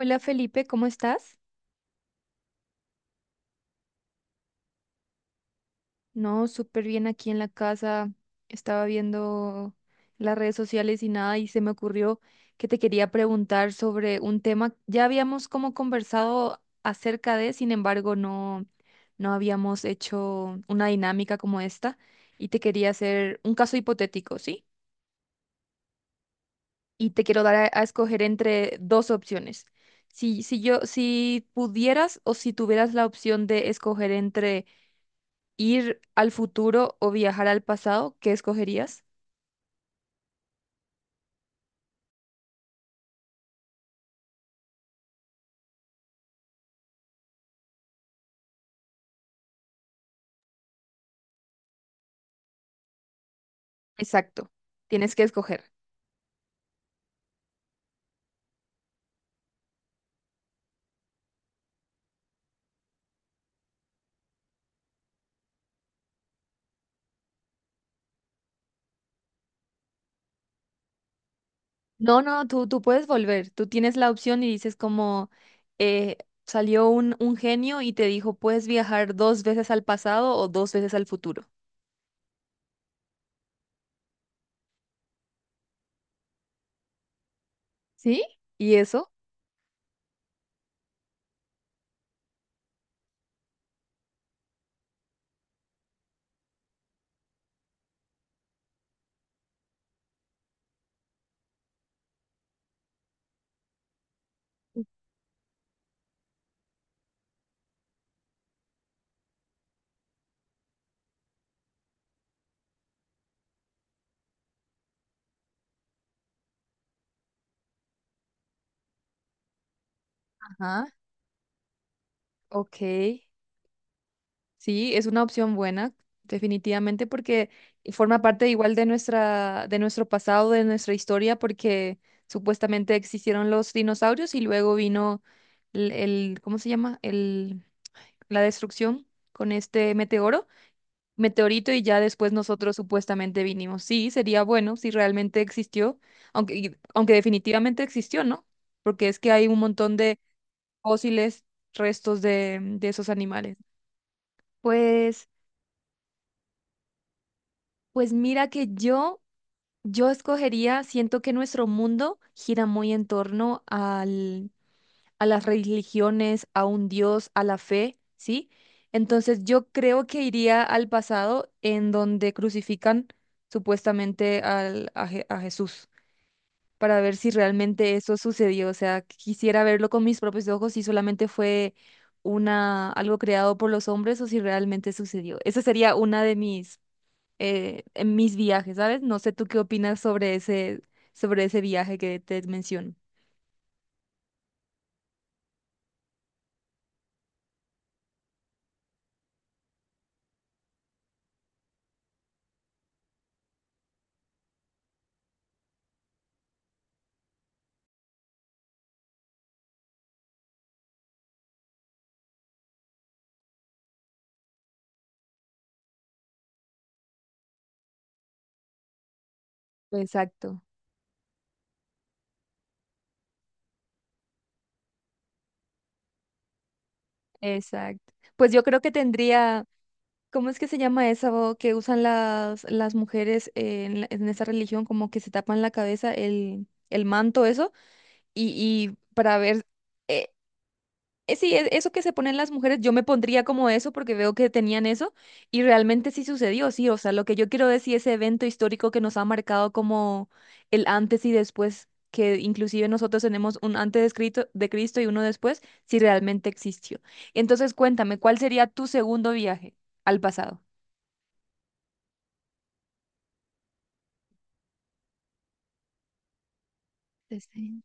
Hola Felipe, ¿cómo estás? No, súper bien aquí en la casa. Estaba viendo las redes sociales y nada, y se me ocurrió que te quería preguntar sobre un tema. Ya habíamos como conversado acerca de, sin embargo, no, no habíamos hecho una dinámica como esta. Y te quería hacer un caso hipotético, ¿sí? Y te quiero dar a escoger entre dos opciones. Si pudieras o si tuvieras la opción de escoger entre, ¿ir al futuro o viajar al pasado? ¿Qué escogerías? Exacto, tienes que escoger. No, no, tú puedes volver, tú tienes la opción y dices como eh, salió un genio y te dijo, puedes viajar dos veces al pasado o dos veces al futuro. ¿Sí? ¿Y eso? Ajá, ok. Sí, es una opción buena, definitivamente, porque forma parte igual de nuestra, de nuestro pasado, de nuestra historia, porque supuestamente existieron los dinosaurios y luego vino el, ¿cómo se llama? El, la destrucción con este meteoro, meteorito, y ya después nosotros supuestamente vinimos. Sí, sería bueno si realmente existió, aunque, aunque definitivamente existió, ¿no? Porque es que hay un montón de fósiles, restos de esos animales. Pues. Pues mira que yo escogería, siento que nuestro mundo gira muy en torno al, a las religiones, a un Dios, a la fe, ¿sí? Entonces yo creo que iría al pasado en donde crucifican supuestamente al, a, a Jesús para ver si realmente eso sucedió. O sea, quisiera verlo con mis propios ojos si solamente fue una, algo creado por los hombres o si realmente sucedió. Esa sería una de mis en mis viajes, ¿sabes? No sé tú qué opinas sobre ese viaje que te menciono. Exacto, exacto. Pues yo creo que tendría, ¿cómo es que se llama eso que usan las mujeres en, en esa religión? Como que se tapan la cabeza, el manto, eso, y, y para ver, eh, sí, eso que se ponen las mujeres, yo me pondría como eso porque veo que tenían eso y realmente sí sucedió, sí, o sea, lo que yo quiero decir, ese evento histórico que nos ha marcado como el antes y después, que inclusive nosotros tenemos un antes de Cristo y uno después, si realmente existió. Entonces, cuéntame, ¿cuál sería tu segundo viaje al pasado? Este,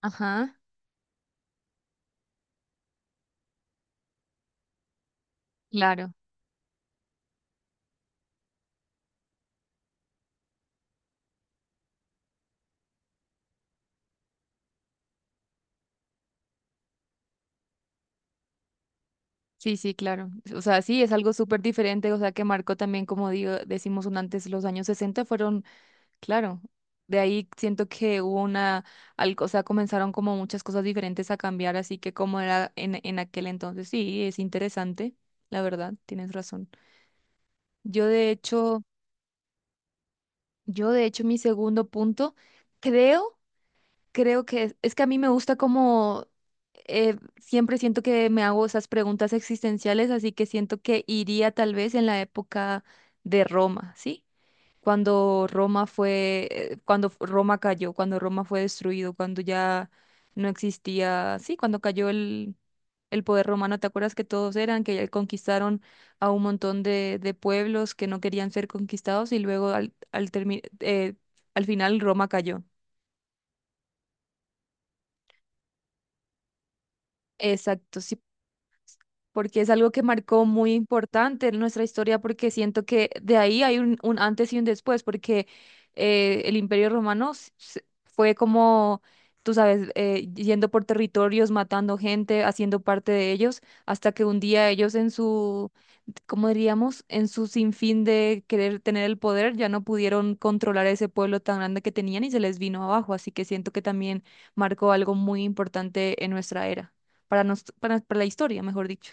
ajá, claro. Sí, sí, claro. O sea, sí, es algo súper diferente, o sea, que marcó también, como digo, decimos un antes, los años 60 fueron. Claro, de ahí siento que hubo una, o sea, comenzaron como muchas cosas diferentes a cambiar, así que como era en aquel entonces, sí, es interesante, la verdad, tienes razón. Yo de hecho, yo de hecho mi segundo punto, creo, creo que es que a mí me gusta como, siempre siento que me hago esas preguntas existenciales, así que siento que iría tal vez en la época de Roma, ¿sí? Cuando Roma fue, cuando Roma cayó, cuando Roma fue destruido, cuando ya no existía, sí, cuando cayó el poder romano, ¿te acuerdas que todos eran, que ya conquistaron a un montón de pueblos que no querían ser conquistados y luego al, al final Roma cayó? Exacto, sí. Porque es algo que marcó muy importante en nuestra historia, porque siento que de ahí hay un antes y un después, porque el Imperio Romano fue como, tú sabes, yendo por territorios, matando gente, haciendo parte de ellos, hasta que un día ellos en su, ¿cómo diríamos?, en su sinfín de querer tener el poder, ya no pudieron controlar ese pueblo tan grande que tenían y se les vino abajo, así que siento que también marcó algo muy importante en nuestra era, para, nos, para la historia, mejor dicho.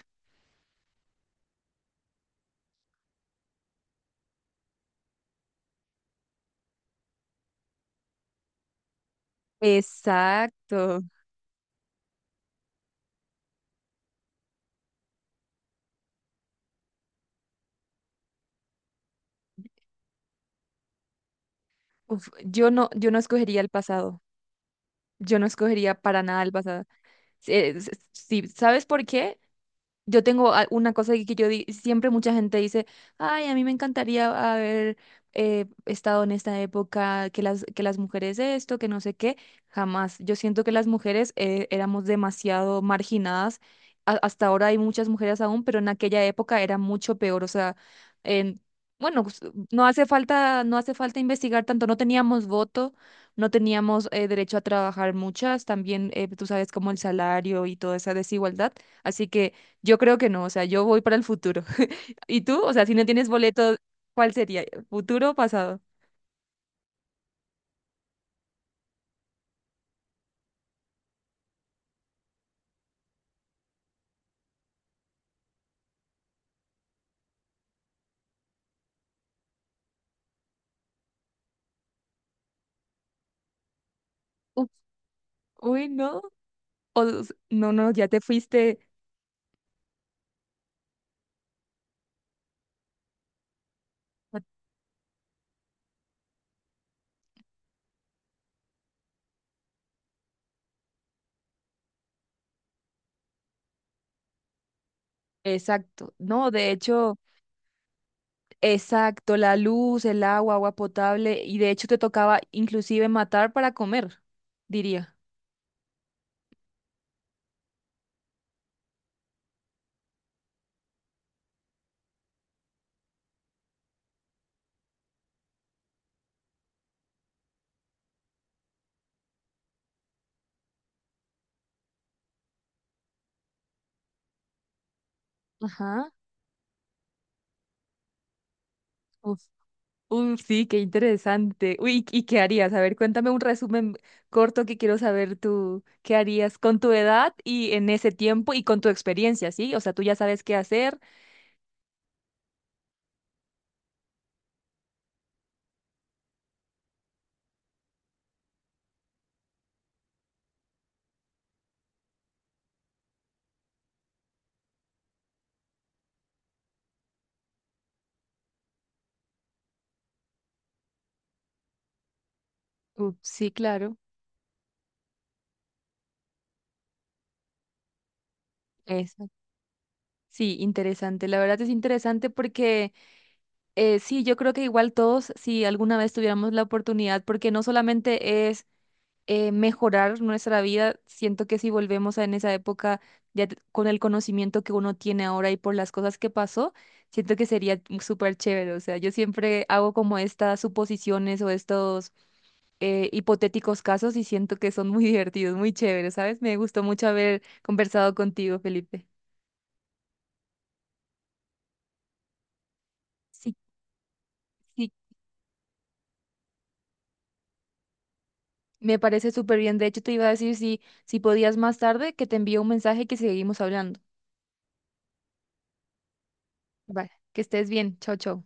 Exacto. Uf, yo no, yo no escogería el pasado. Yo no escogería para nada el pasado. Si, ¿sabes por qué? Yo tengo una cosa que yo siempre mucha gente dice, ay, a mí me encantaría haber estado en esta época, que las mujeres esto, que no sé qué, jamás. Yo siento que las mujeres éramos demasiado marginadas. Hasta ahora hay muchas mujeres aún, pero en aquella época era mucho peor. O sea, en- bueno, pues, no hace falta, no hace falta investigar tanto. No teníamos voto, no teníamos derecho a trabajar muchas. También tú sabes como el salario y toda esa desigualdad. Así que yo creo que no, o sea, yo voy para el futuro. ¿Y tú? O sea, si no tienes boleto, ¿cuál sería? ¿Futuro o pasado? Uf, uy, no. O, no, no, ya te fuiste. Exacto. No, de hecho. Exacto, la luz, el agua, agua potable, y de hecho te tocaba inclusive matar para comer, diría. Ajá. Uf. Uf, sí, qué interesante. Uy, ¿y qué harías? A ver, cuéntame un resumen corto que quiero saber tú, ¿qué harías con tu edad y en ese tiempo y con tu experiencia, ¿sí? O sea, tú ya sabes qué hacer. Uf, sí, claro. Eso. Sí, interesante. La verdad es interesante porque sí, yo creo que igual todos, si alguna vez tuviéramos la oportunidad, porque no solamente es mejorar nuestra vida. Siento que si volvemos a en esa época, ya con el conocimiento que uno tiene ahora y por las cosas que pasó, siento que sería súper chévere. O sea, yo siempre hago como estas suposiciones o estos hipotéticos casos y siento que son muy divertidos, muy chéveres, ¿sabes? Me gustó mucho haber conversado contigo, Felipe. Sí, sí, me parece súper bien. De hecho, te iba a decir si, si podías más tarde que te envíe un mensaje que seguimos hablando. Vale, que estés bien. Chao, chao.